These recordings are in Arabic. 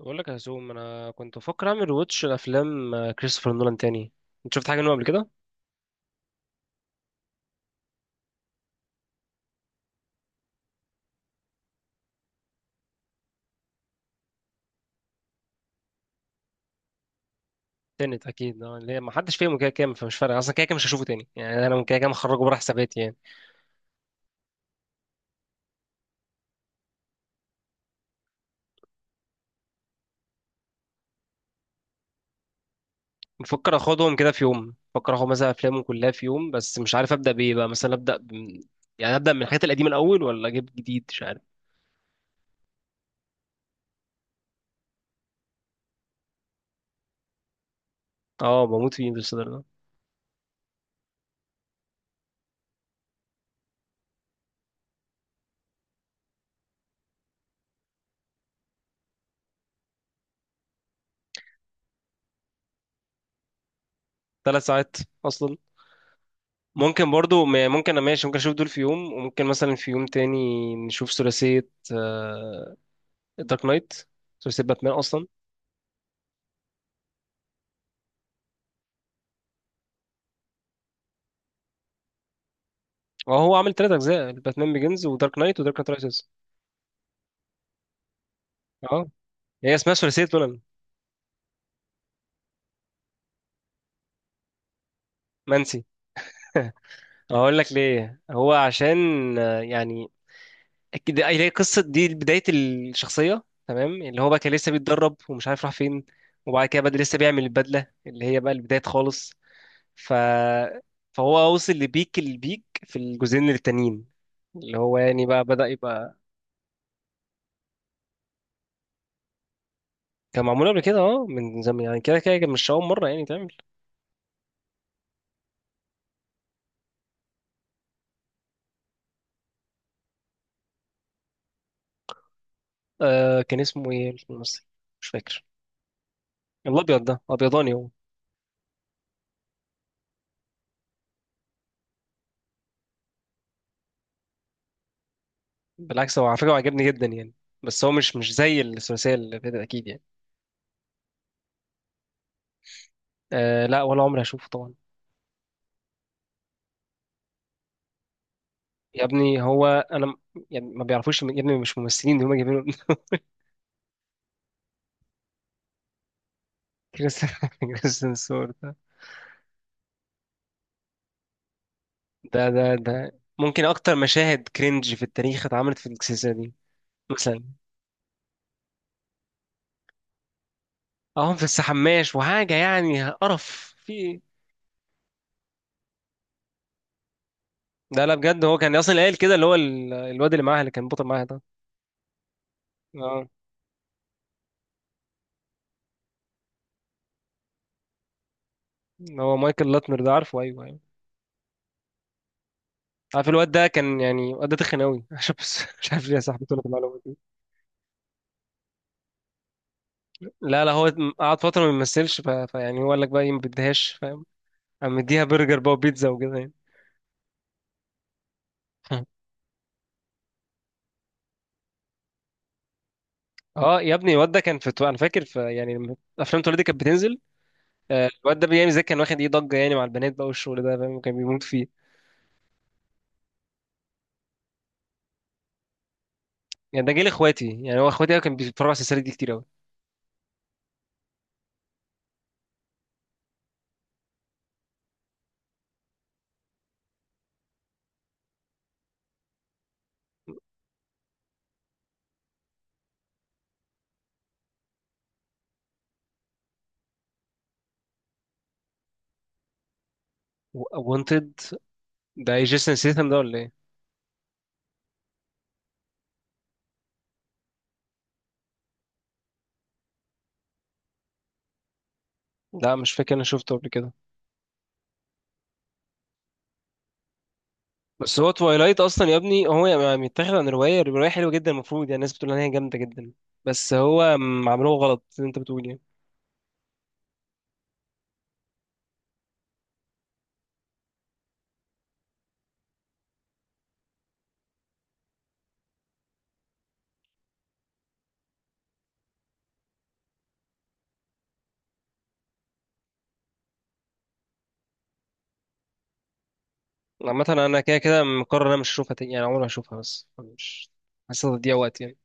بقول لك يا هزوم، انا كنت بفكر اعمل ريواتش لافلام كريستوفر نولان تاني. انت شفت حاجه منه قبل كده؟ تنت اكيد، اللي هي ما حدش فيهم كده كام، فمش فارق اصلا كده كام، مش هشوفه تاني يعني، انا كده كام هخرجه بره حساباتي يعني. بفكر اخدهم كده في يوم، بفكر اخد مثلا افلامه كلها في يوم، بس مش عارف ابدا بايه بقى، مثلا يعني ابدا من الحاجات القديمه الاول ولا اجيب جديد، مش عارف. اه بموت في انترستيلر ده. ثلاث ساعات اصلا. ممكن برضو ممكن انا ماشي، ممكن اشوف دول في يوم وممكن مثلا في يوم تاني نشوف ثلاثيه دارك نايت، سلسله باتمان اصلا. اه هو عامل ثلاث اجزاء: باتمان بيجنز، ودارك نايت، ودارك نايت رايزز. اه هي اسمها ثلاثيه نولان. منسي. هقول لك ليه، هو عشان آه، يعني اكيد هي قصه دي بدايه الشخصيه، تمام، اللي هو بقى كان لسه بيتدرب ومش عارف راح فين، وبعد كده بدأ لسه بيعمل البدله اللي هي بقى البدايه خالص. ف فهو وصل لبيك البيك في الجزئين التانيين، اللي هو يعني بقى بدأ يبقى. كان معمول قبل كده، اه، من زمان يعني، كده كده كان مش أول مرة يعني تعمل. آه، كان اسمه ايه الممثل؟ مش فاكر. الابيض ده، ابيضاني هو. بالعكس هو على فكره، هو عجبني جدا يعني، بس هو مش مش زي الثلاثيه اللي فاتت اكيد يعني. آه لا، ولا عمري هشوفه طبعا. يا ابني هو انا يعني ما بيعرفوش يا ابني مش ممثلين دي هم جايبينه. كريستيان، كريستيان سور ده ممكن اكتر مشاهد كرنج في التاريخ اتعملت في السلسله دي. مثلا اهو في السحماش وحاجه يعني، قرف في ايه؟ لا لا، بجد هو كان اصلا قايل كده، اللي هو الواد اللي معاها اللي كان بطل معاها ده. آه. هو مايكل لاتنر ده، عارفه، ايوه ايوه. عارف الواد ده كان يعني، الواد ده تخن قوي، عشان بس مش عارف ليه يا صاحبي طلعت المعلومه دي. لا لا، هو قعد فتره ما بيمثلش، ف... فيعني هو قال لك بقى ايه، ما بديهاش، فاهم. قام مديها برجر بقى وبيتزا وكده يعني. اه يا ابني، الواد ده كان في، انا فاكر في يعني لما افلام توليدي كانت بتنزل، آه، الواد ده بيعمل زي، كان واخد ايه ضجه يعني مع البنات بقى والشغل ده، فاهم، كان بيموت فيه. يعني ده جيل اخواتي يعني، هو اخواتي كان بيتفرجوا على السلسله دي كتير قوي. وانتد ده جيسون سيثم ده ولا ايه؟ لا، مش فاكر، انا شفته قبل كده. بس هو توايلايت اصلا يا ابني، هو يعني متاخد عن روايه، الروايه حلوه جدا المفروض يعني، الناس بتقول ان هي جامده جدا، بس هو عملوه غلط اللي انت بتقول يعني. عامه انا كده كده مقرر إن انا مش هشوفها تاني يعني، عمري ما هشوفها، بس مش حاسس، تضييع وقت يعني.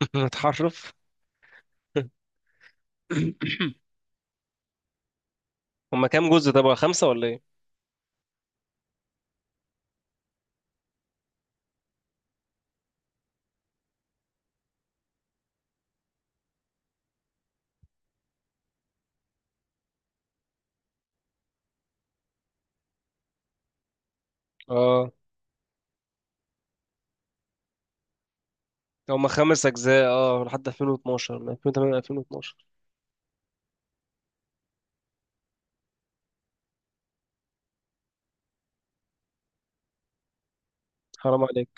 متحرف. هما كام جزء؟ طب خمسه ولا ايه؟ اه، هما خمس اجزاء، اه، لحد 2012، من 2008 ل 2012. حرام عليك.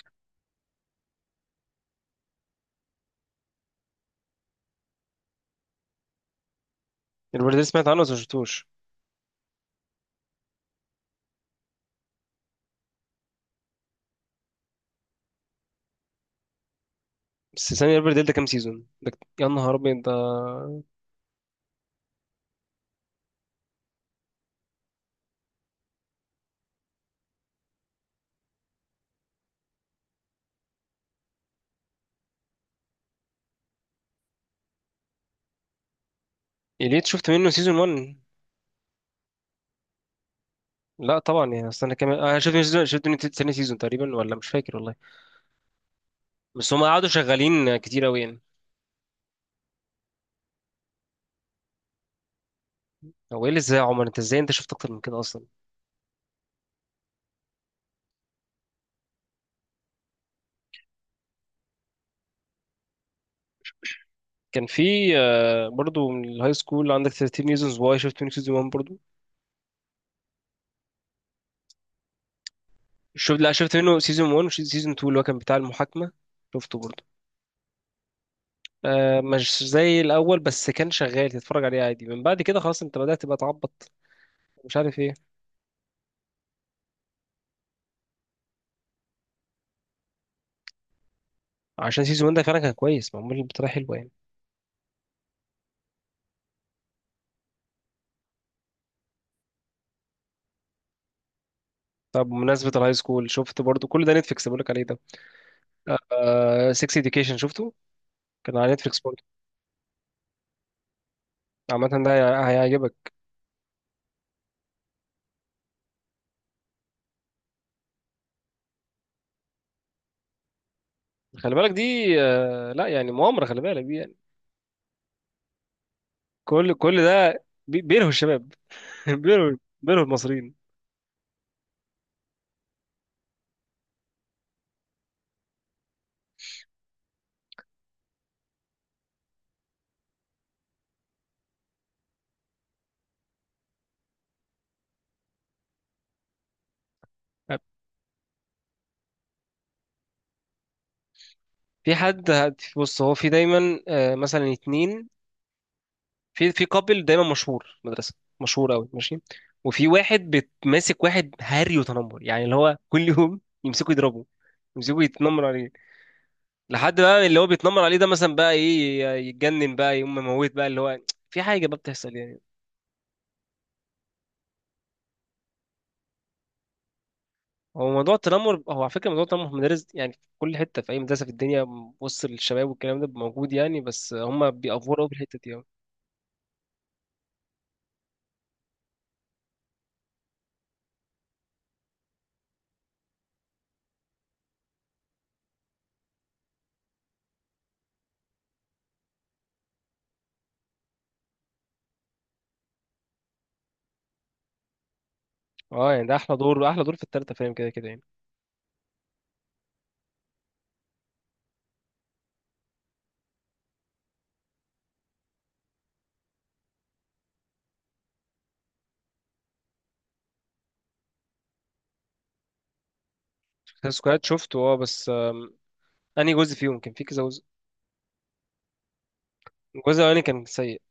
الريفرديل سمعت عنه بس ما شفتوش. بس ثانية، الريفرديل ده كام سيزون ده؟ يا نهار ابيض ده. إليت شفت منه سيزون 1. لا طبعا يعني، استنى كمان، انا شفت من تاني سيزون تقريبا، ولا مش فاكر والله. بس هم قعدوا شغالين كتير قوي يعني. هو ايه اللي ازاي يا عمر؟ انت ازاي انت شفت اكتر من كده اصلا؟ كان في آه، برضو من الهاي سكول، عندك 13 ريزونز واي، شفت منه سيزون 1 برضو. شفت، لا، شفت منه سيزون 1 وسيزون 2 اللي هو كان بتاع المحاكمة، شفته برضو. آه، مش زي الاول، بس كان شغال تتفرج عليه عادي، من بعد كده خلاص انت بدأت تبقى تعبط، مش عارف ايه. عشان سيزون 1 ده فعلا كان كويس، معمول بطريقة حلوة يعني. طب بمناسبة الهاي سكول، شفت برضو كل ده نتفليكس بقولك عليه ده، آه، سكس اديوكيشن شفته؟ كان على نتفليكس برضه. عامة ده هيعجبك. خلي بالك دي. آه لا، يعني مؤامرة، خلي بالك دي يعني. كل ده بيلهوا الشباب. بيلهوا، بيلهوا المصريين. في حد بص، هو في دايما آه، مثلا اتنين، في في كابل دايما مشهور في مدرسة، مشهور قوي ماشي، وفي واحد ماسك واحد هري وتنمر يعني، اللي هو كل يوم يمسكوا يضربوا، يمسكوا يتنمر عليه. لحد بقى اللي هو بيتنمر عليه ده مثلا بقى ايه، يتجنن بقى، يقوم مموت بقى اللي هو، في حاجه بقى بتحصل يعني. هو موضوع التنمر، هو على فكره موضوع التنمر في المدارس يعني في كل حته، في اي مدرسه في الدنيا وسط الشباب والكلام ده موجود يعني، بس هم بيأفوروا في الحته دي أوي. اه، يعني ده احلى دور، احلى دور في الثالثه فاهم، كده كده يعني. السكواد شفته، اه، بس آم، انهي جزء فيهم؟ كان في كذا جزء. الجزء الاولاني كان سيء.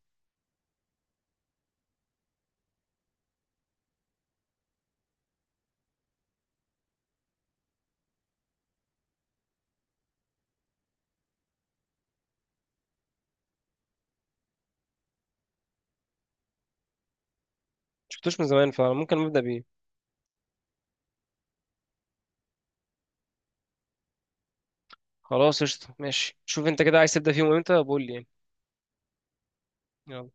شفتوش من زمان، فممكن نبدا بيه. خلاص قشطه ماشي، شوف انت كده عايز تبدا فيهم امتى بقول لي يعني